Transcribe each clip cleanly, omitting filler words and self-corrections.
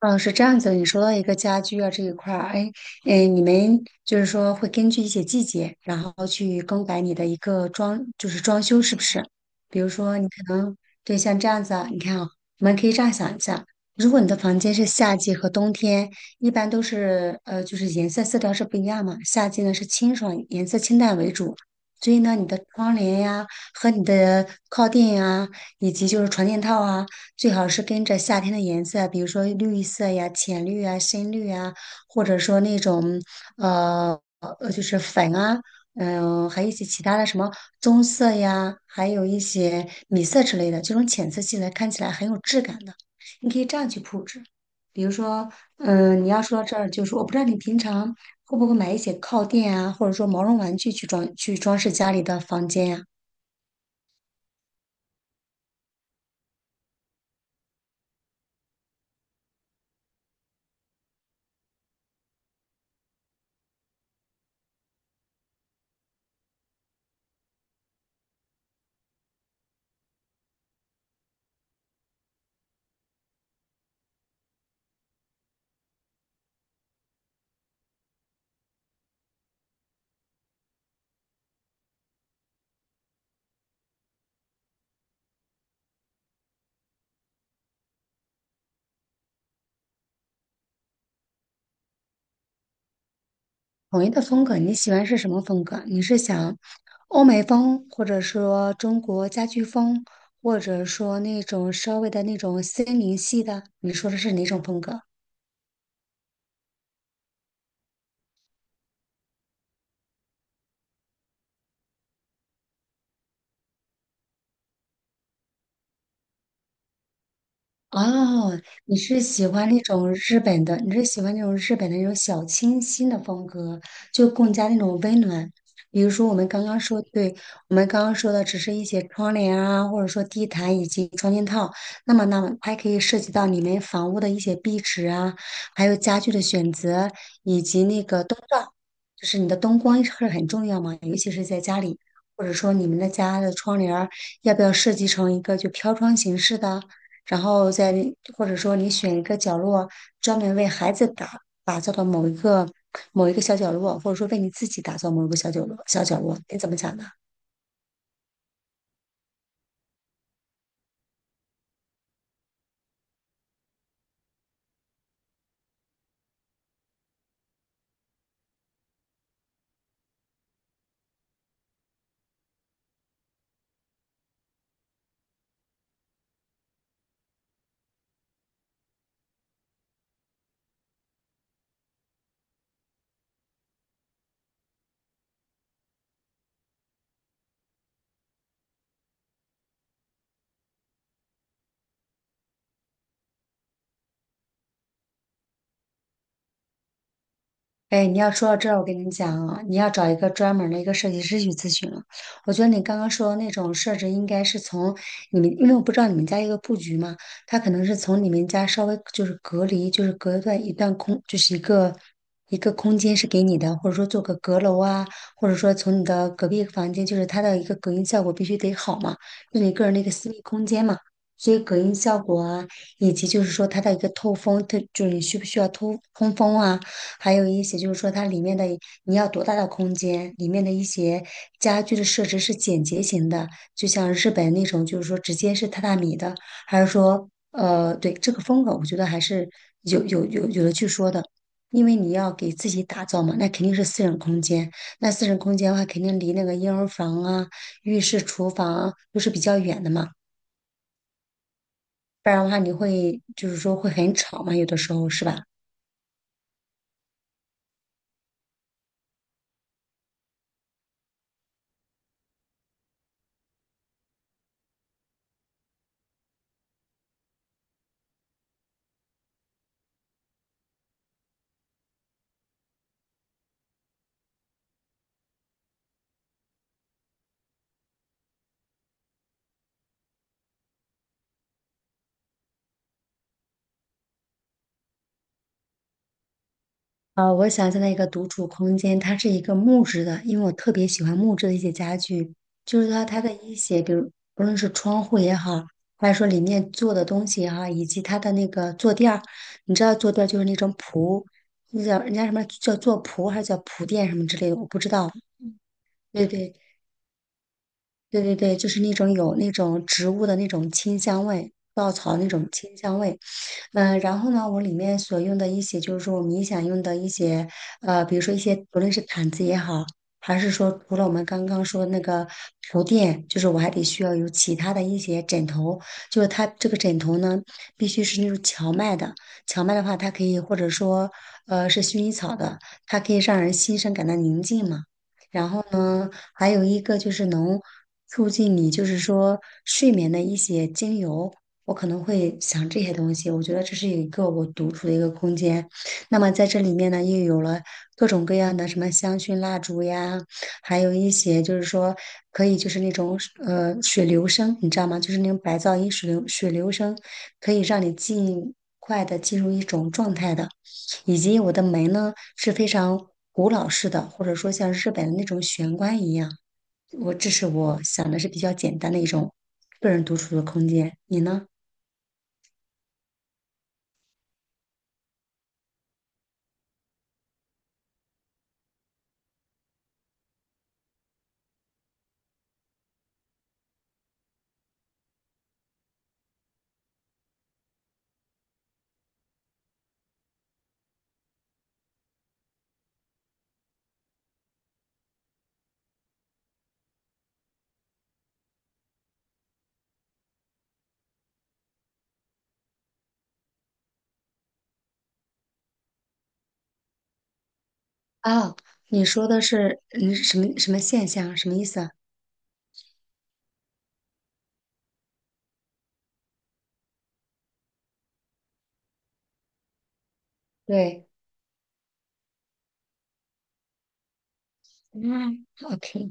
哦，是这样子的，你说到一个家居啊这一块儿，哎，哎，你们就是说会根据一些季节，然后去更改你的一个装，就是装修是不是？比如说，你可能对像这样子啊，你看啊，我们可以这样想一下，如果你的房间是夏季和冬天，一般都是就是颜色色调是不一样嘛。夏季呢是清爽，颜色清淡为主，所以呢，你的窗帘呀和你的靠垫呀，以及就是床垫套啊。最好是跟着夏天的颜色，比如说绿色呀、浅绿啊、深绿啊，或者说那种呃就是粉啊，嗯、还有一些其他的什么棕色呀，还有一些米色之类的，这种浅色系的看起来很有质感的，你可以这样去布置。比如说，嗯，你要说到这儿，就是我不知道你平常会不会买一些靠垫啊，或者说毛绒玩具去装饰家里的房间呀、统一的风格，你喜欢是什么风格？你是想欧美风，或者说中国家居风，或者说那种稍微的那种森林系的？你说的是哪种风格？哦，你是喜欢那种日本的，你是喜欢那种日本的那种小清新的风格，就更加那种温暖。比如说我们刚刚说，对，我们刚刚说的只是一些窗帘啊，或者说地毯以及窗帘套，那么还可以涉及到你们房屋的一些壁纸啊，还有家具的选择，以及那个灯罩，就是你的灯光是很重要嘛，尤其是在家里，或者说你们的家的窗帘儿要不要设计成一个就飘窗形式的？然后在，或者说你选一个角落专门为孩子打造的某一个小角落，或者说为你自己打造某一个小角落，你怎么想的？哎，你要说到这儿，我跟你讲啊，你要找一个专门儿的一个设计师去咨询了。我觉得你刚刚说的那种设置，应该是从你们，因为我不知道你们家一个布局嘛，它可能是从你们家稍微就是隔离，就是隔断一段空，就是一个空间是给你的，或者说做个阁楼啊，或者说从你的隔壁房间，就是它的一个隔音效果必须得好嘛，那你个人的一个私密空间嘛。所以隔音效果啊，以及就是说它的一个透风，它就是你需不需要通通风啊？还有一些就是说它里面的你要多大的空间，里面的一些家具的设置是简洁型的，就像日本那种就是说直接是榻榻米的，还是说对这个风格，我觉得还是有的去说的。因为你要给自己打造嘛，那肯定是私人空间。那私人空间的话，肯定离那个婴儿房啊、浴室、厨房啊都是比较远的嘛，不然的话你会就是说会很吵嘛，有的时候是吧？啊，我想象的一个独处空间，它是一个木质的，因为我特别喜欢木质的一些家具，就是说，它的一些，比如不论是窗户也好，还是说里面做的东西也好，以及它的那个坐垫儿，你知道坐垫儿就是那种铺，那叫人家什么叫做铺还是叫铺垫什么之类的，我不知道。对对对，就是那种有那种植物的那种清香味，稻草那种清香味。嗯、然后呢，我里面所用的一些就是说我们冥想用的一些，呃，比如说一些不论是毯子也好，还是说除了我们刚刚说那个铺垫，就是我还得需要有其他的一些枕头，就是它这个枕头呢必须是那种荞麦的，荞麦的话它可以或者说是薰衣草的，它可以让人心生感到宁静嘛。嗯，还有一个就是能促进你就是说睡眠的一些精油，我可能会想这些东西。我觉得这是一个我独处的一个空间。那么在这里面呢，又有了各种各样的什么香薰蜡烛呀，还有一些就是说可以就是那种水流声，你知道吗？就是那种白噪音水流声，可以让你尽快的进入一种状态的。以及我的门呢是非常古老式的，或者说像日本的那种玄关一样。我这是我想的是比较简单的一种个人独处的空间。你呢？啊，你说的是嗯什么现象？什么意思啊？对嗯，，OK。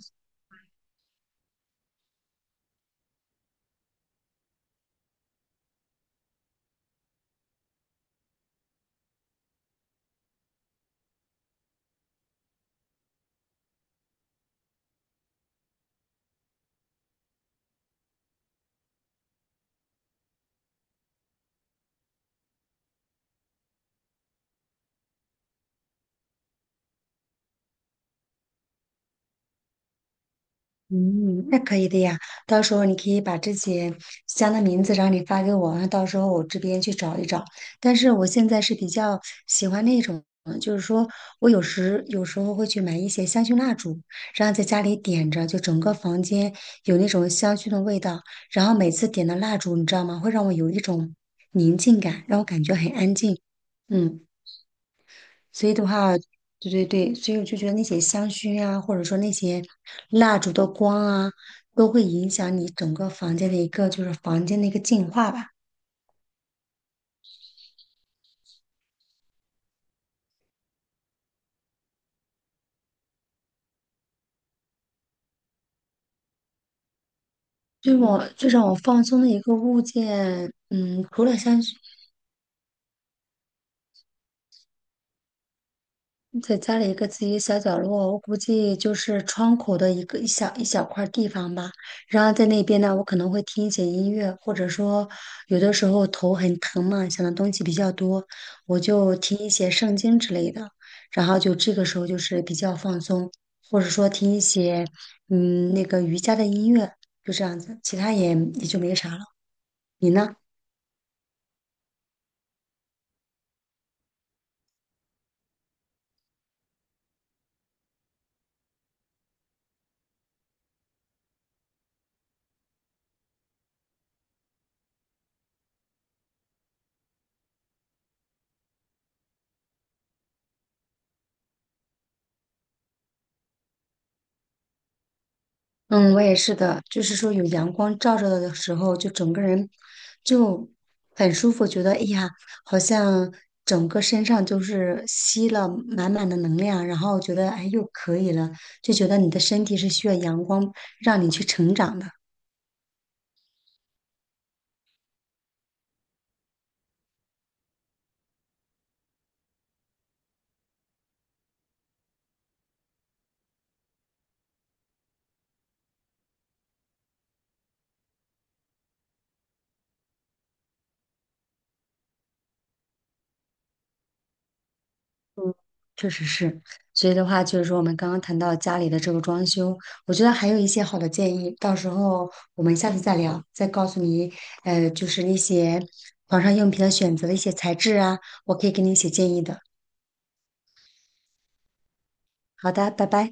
嗯，那可以的呀。到时候你可以把这些香的名字，然后你发给我，然后到时候我这边去找一找。但是我现在是比较喜欢那种，嗯就是说我有时候会去买一些香薰蜡烛，然后在家里点着，就整个房间有那种香薰的味道。然后每次点的蜡烛，你知道吗？会让我有一种宁静感，让我感觉很安静。嗯。所以的话，对对对，所以我就觉得那些香薰啊，或者说那些蜡烛的光啊，都会影响你整个房间的一个就是房间的一个净化吧。我最让我放松的一个物件，嗯，除了香薰，在家里一个自己小角落，我估计就是窗口的一个一小块地方吧。然后在那边呢，我可能会听一些音乐，或者说有的时候头很疼嘛，想的东西比较多，我就听一些圣经之类的。然后就这个时候就是比较放松，或者说听一些嗯那个瑜伽的音乐，就这样子，其他也也就没啥了。你呢？嗯，我也是的，就是说有阳光照着的时候，就整个人就很舒服，觉得哎呀，好像整个身上就是吸了满满的能量，然后觉得哎又可以了，就觉得你的身体是需要阳光让你去成长的。确实是，所以的话就是说，我们刚刚谈到家里的这个装修，我觉得还有一些好的建议，到时候我们下次再聊，再告诉你，呃，就是一些床上用品的选择的一些材质啊，我可以给你一些建议的。好的，拜拜。